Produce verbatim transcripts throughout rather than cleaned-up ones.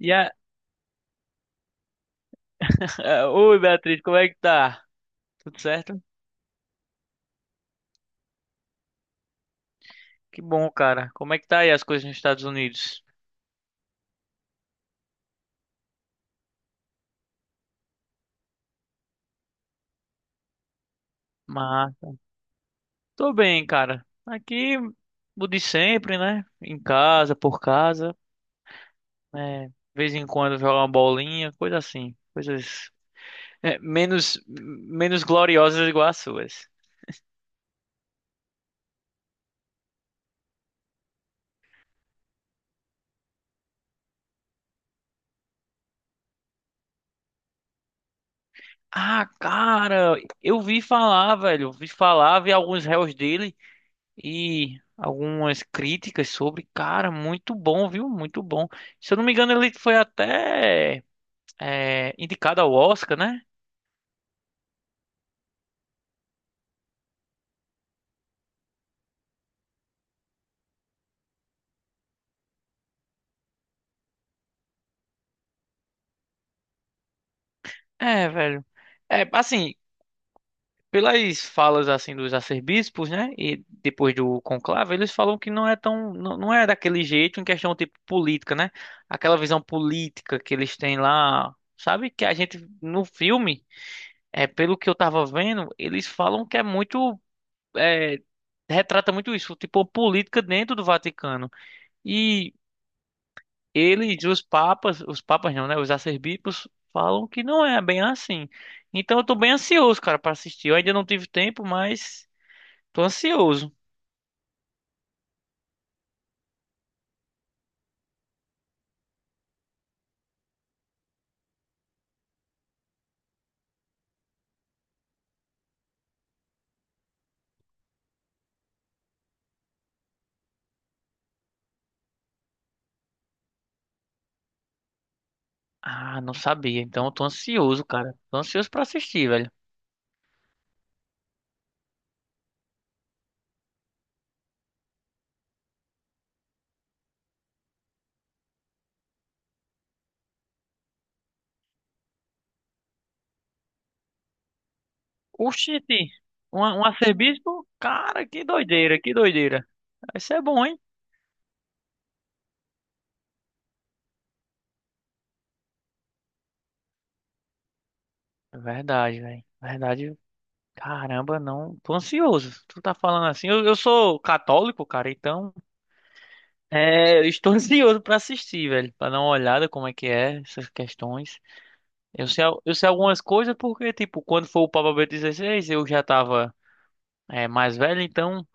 E a... Oi, Beatriz, como é que tá? Tudo certo? Que bom, cara. Como é que tá aí as coisas nos Estados Unidos? Mas tô bem, cara. Aqui, o de sempre, né? Em casa, por casa, né? De vez em quando jogar uma bolinha, coisa assim. Coisas é, menos menos gloriosas igual as suas. Ah, cara, eu vi falar, velho. Eu vi falar, vi alguns réus dele, e algumas críticas sobre. Cara, muito bom, viu? Muito bom. Se eu não me engano, ele foi até é, indicado ao Oscar, né? É, velho. É, assim, pelas falas assim dos arcebispos, né? E depois do conclave, eles falam que não é tão, não, não é daquele jeito em questão tipo política, né? Aquela visão política que eles têm lá, sabe? Que a gente no filme, é pelo que eu tava vendo, eles falam que é muito eh, retrata muito isso, tipo, a política dentro do Vaticano. E eles, os papas, os papas não, né? Os arcebispos falam que não é bem assim. Então eu tô bem ansioso, cara, pra assistir. Eu ainda não tive tempo, mas tô ansioso. Ah, não sabia. Então eu tô ansioso, cara. Tô ansioso pra assistir, velho. Oxente, um, um arcebispo? Cara, que doideira, que doideira. Isso é bom, hein? Verdade, velho. Verdade. Caramba, não. Tô ansioso. Tu tá falando assim. Eu, eu sou católico, cara, então. É, eu estou ansioso pra assistir, velho, pra dar uma olhada como é que é essas questões. Eu sei, al- eu sei algumas coisas porque, tipo, quando foi o Papa Bento dezesseis, eu já tava é, mais velho, então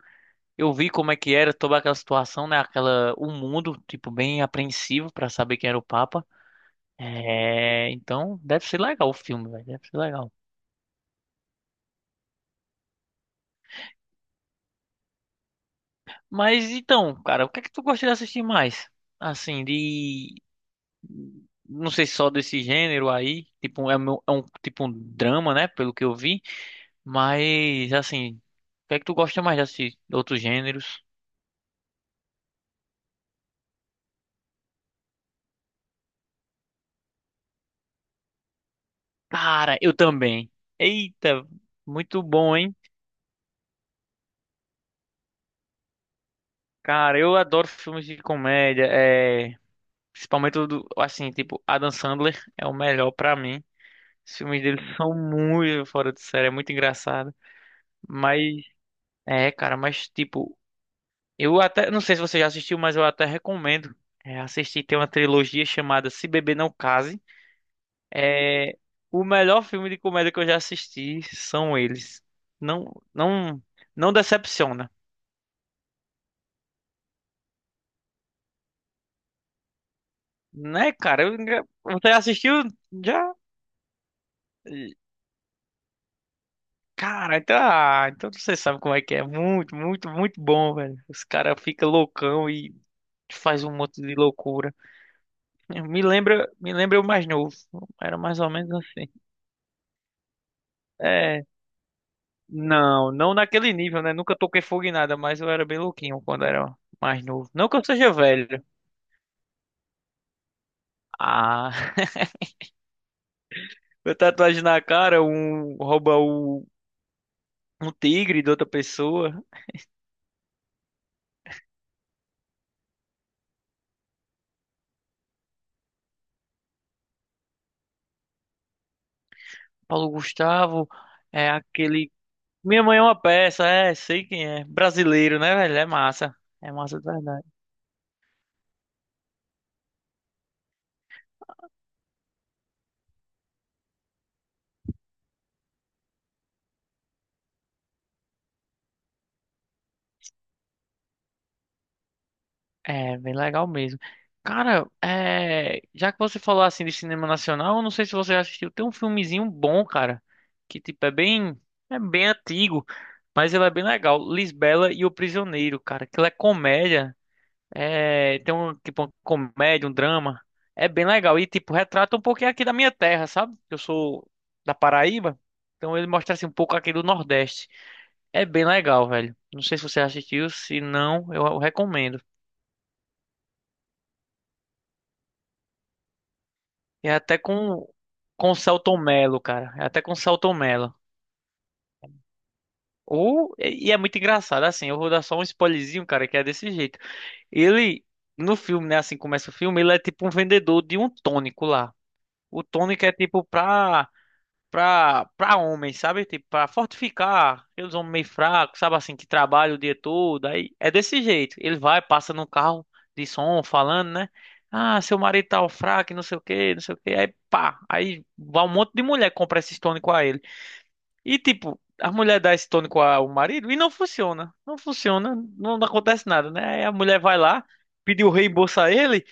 eu vi como é que era toda aquela situação, né? Aquela, o mundo, tipo, bem apreensivo pra saber quem era o Papa. É, então deve ser legal o filme, velho, deve ser legal. Mas então, cara, o que é que tu gosta de assistir mais? Assim, de não sei se só desse gênero aí, tipo, é um, é um tipo um drama, né, pelo que eu vi, mas assim, o que é que tu gosta mais de assistir? Outros gêneros? Cara, eu também. Eita, muito bom, hein? Cara, eu adoro filmes de comédia, é, principalmente o do, assim, tipo, Adam Sandler é o melhor pra mim. Os filmes dele são muito fora de série, é muito engraçado. Mas, é, cara, mas tipo, eu até, não sei se você já assistiu, mas eu até recomendo é, assistir. Tem uma trilogia chamada Se Beber Não Case. É o melhor filme de comédia que eu já assisti são eles. Não, não, não decepciona, né, cara? Eu engra- Você assistiu já? Cara, então, ah, então você sabe como é que é. Muito, muito, muito bom, velho. Os caras ficam loucão e faz um monte de loucura. Me lembra, me lembra o mais novo. Era mais ou menos assim. É, não, não naquele nível, né? Nunca toquei fogo em nada, mas eu era bem louquinho quando era mais novo. Não que eu seja velho. Ah, eu tatuagem na cara, um rouba o um tigre de outra pessoa. Paulo Gustavo é aquele. Minha mãe é uma peça, é, sei quem é. Brasileiro, né, velho? É massa. É massa de verdade. É, bem legal mesmo. Cara, é, já que você falou assim de cinema nacional, eu não sei se você já assistiu, tem um filmezinho bom, cara, que tipo é bem, é bem antigo, mas ele é bem legal. Lisbela e o Prisioneiro, cara, que ele é comédia, é, tem um tipo uma comédia, um drama, é bem legal e tipo retrata um pouquinho aqui da minha terra, sabe? Eu sou da Paraíba, então ele mostra assim um pouco aqui do Nordeste. É bem legal, velho. Não sei se você assistiu, se não, eu eu recomendo. E é até com, com o Selton Mello, cara. É até com o Selton Mello. Ou, e é muito engraçado, assim, eu vou dar só um spoilerzinho, cara, que é desse jeito. Ele, no filme, né, assim começa o filme, ele é tipo um vendedor de um tônico lá. O tônico é tipo pra pra, pra homens, sabe? Tipo, pra fortificar aqueles homens meio fracos, sabe assim, que trabalham o dia todo. Aí é desse jeito. Ele vai, passa no carro de som, falando, né? Ah, seu marido tá fraco, e não sei o quê, não sei o quê. Aí pá, aí vai um monte de mulher que compra esse tônico a ele. E tipo, a mulher dá esse tônico ao marido e não funciona. Não funciona, não acontece nada, né? Aí a mulher vai lá, pede o reembolso a ele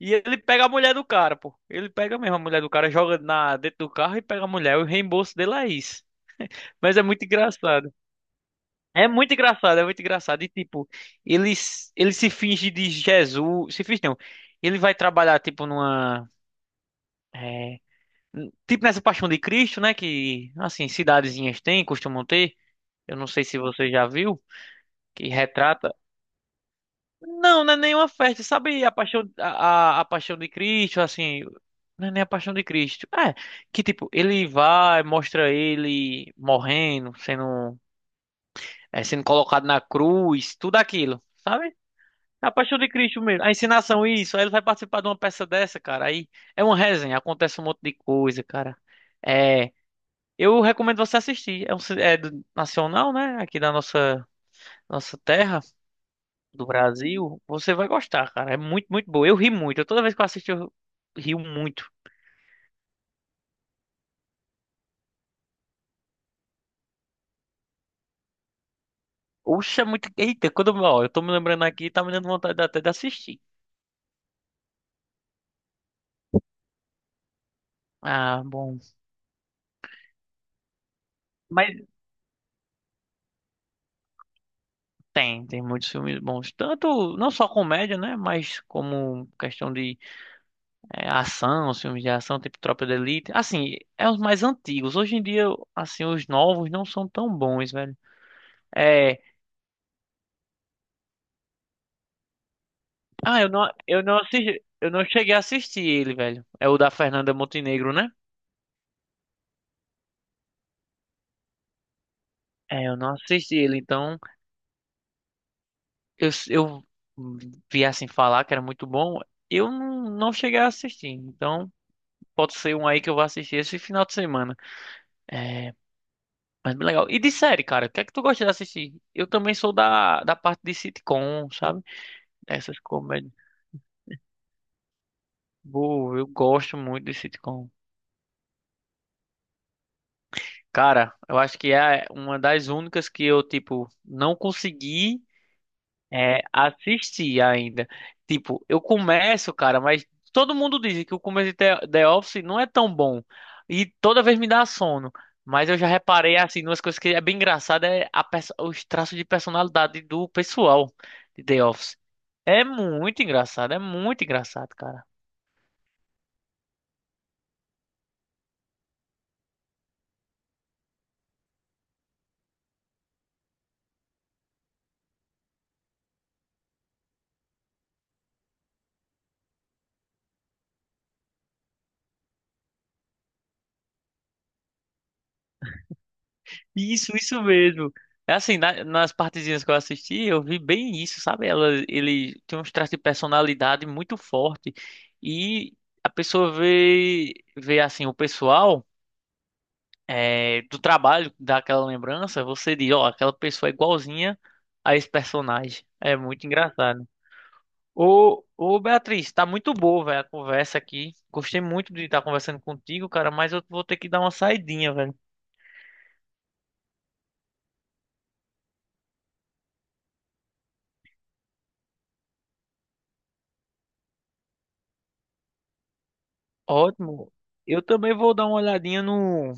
e ele pega a mulher do cara, pô. Ele pega mesmo a mulher do cara, joga na dentro do carro e pega a mulher. O reembolso dele é isso. Mas é muito engraçado. É muito engraçado, é muito engraçado. E tipo, ele, s- ele se finge de Jesus. Se finge não. Ele vai trabalhar, tipo, numa. é, n- Tipo nessa Paixão de Cristo, né? Que, assim, cidadezinhas têm, costumam ter. Eu não sei se você já viu, que retrata. Não, não é nenhuma festa, sabe? A paixão, a, a a paixão de Cristo, assim. Não é nem a paixão de Cristo. É, que tipo, ele vai, mostra ele morrendo, sendo, é, sendo colocado na cruz, tudo aquilo, sabe? É a paixão de Cristo mesmo. A ensinação, isso. Aí ele vai participar de uma peça dessa, cara. Aí é uma resenha, acontece um monte de coisa, cara. É, eu recomendo você assistir. É um ci- é do- nacional, né? Aqui da nossa, nossa terra. Do Brasil, você vai gostar, cara. É muito, muito boa. Eu ri muito. Eu, toda vez que eu assisto, eu rio muito. Oxa, é muito. Eita, quando eu, ó, eu tô me lembrando aqui, tá me dando vontade até de assistir. Ah, bom. Mas tem, tem muitos filmes bons. Tanto, não só comédia, né? Mas como questão de é, ação, os filmes de ação, tipo Tropa de Elite. Assim, é os mais antigos. Hoje em dia, assim, os novos não são tão bons, velho. É. Ah, eu não, eu não assisti, eu não cheguei a assistir ele, velho. É o da Fernanda Montenegro, né? É, eu não assisti ele, então eu, eu vi assim falar que era muito bom. Eu não, não cheguei a assistir, então pode ser um aí que eu vou assistir esse final de semana. É, mas bem legal. E de série, cara, o que é que tu gosta de assistir? Eu também sou da, da parte de sitcom, sabe? Essas comédias. Boa, eu gosto muito de sitcom. Cara, eu acho que é uma das únicas que eu, tipo, não consegui. É, assisti ainda. Tipo, eu começo, cara, mas todo mundo diz que o começo de The The Office não é tão bom. E toda vez me dá sono. Mas eu já reparei, assim, umas coisas que é bem engraçada é a perso- os traços de personalidade do pessoal de The Office. É muito engraçado, é muito engraçado, cara. Isso, isso mesmo. É assim, na- nas partezinhas que eu assisti, eu vi bem isso, sabe? Ela, ele tem uns traços de personalidade muito forte e a pessoa vê, vê assim, o pessoal é, do trabalho, daquela lembrança, você diz, ó, aquela pessoa é igualzinha a esse personagem. É muito engraçado. Ô, ô Beatriz, tá muito boa, velho, a conversa aqui. Gostei muito de estar conversando contigo, cara, mas eu vou ter que dar uma saidinha, velho. Ótimo. Eu também vou dar uma olhadinha no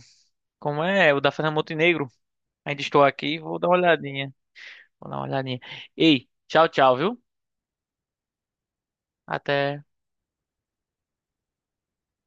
Como é? O da Fernanda Montenegro. Ainda estou aqui, vou dar uma olhadinha. Vou dar uma olhadinha. Ei, tchau, tchau, viu? Até.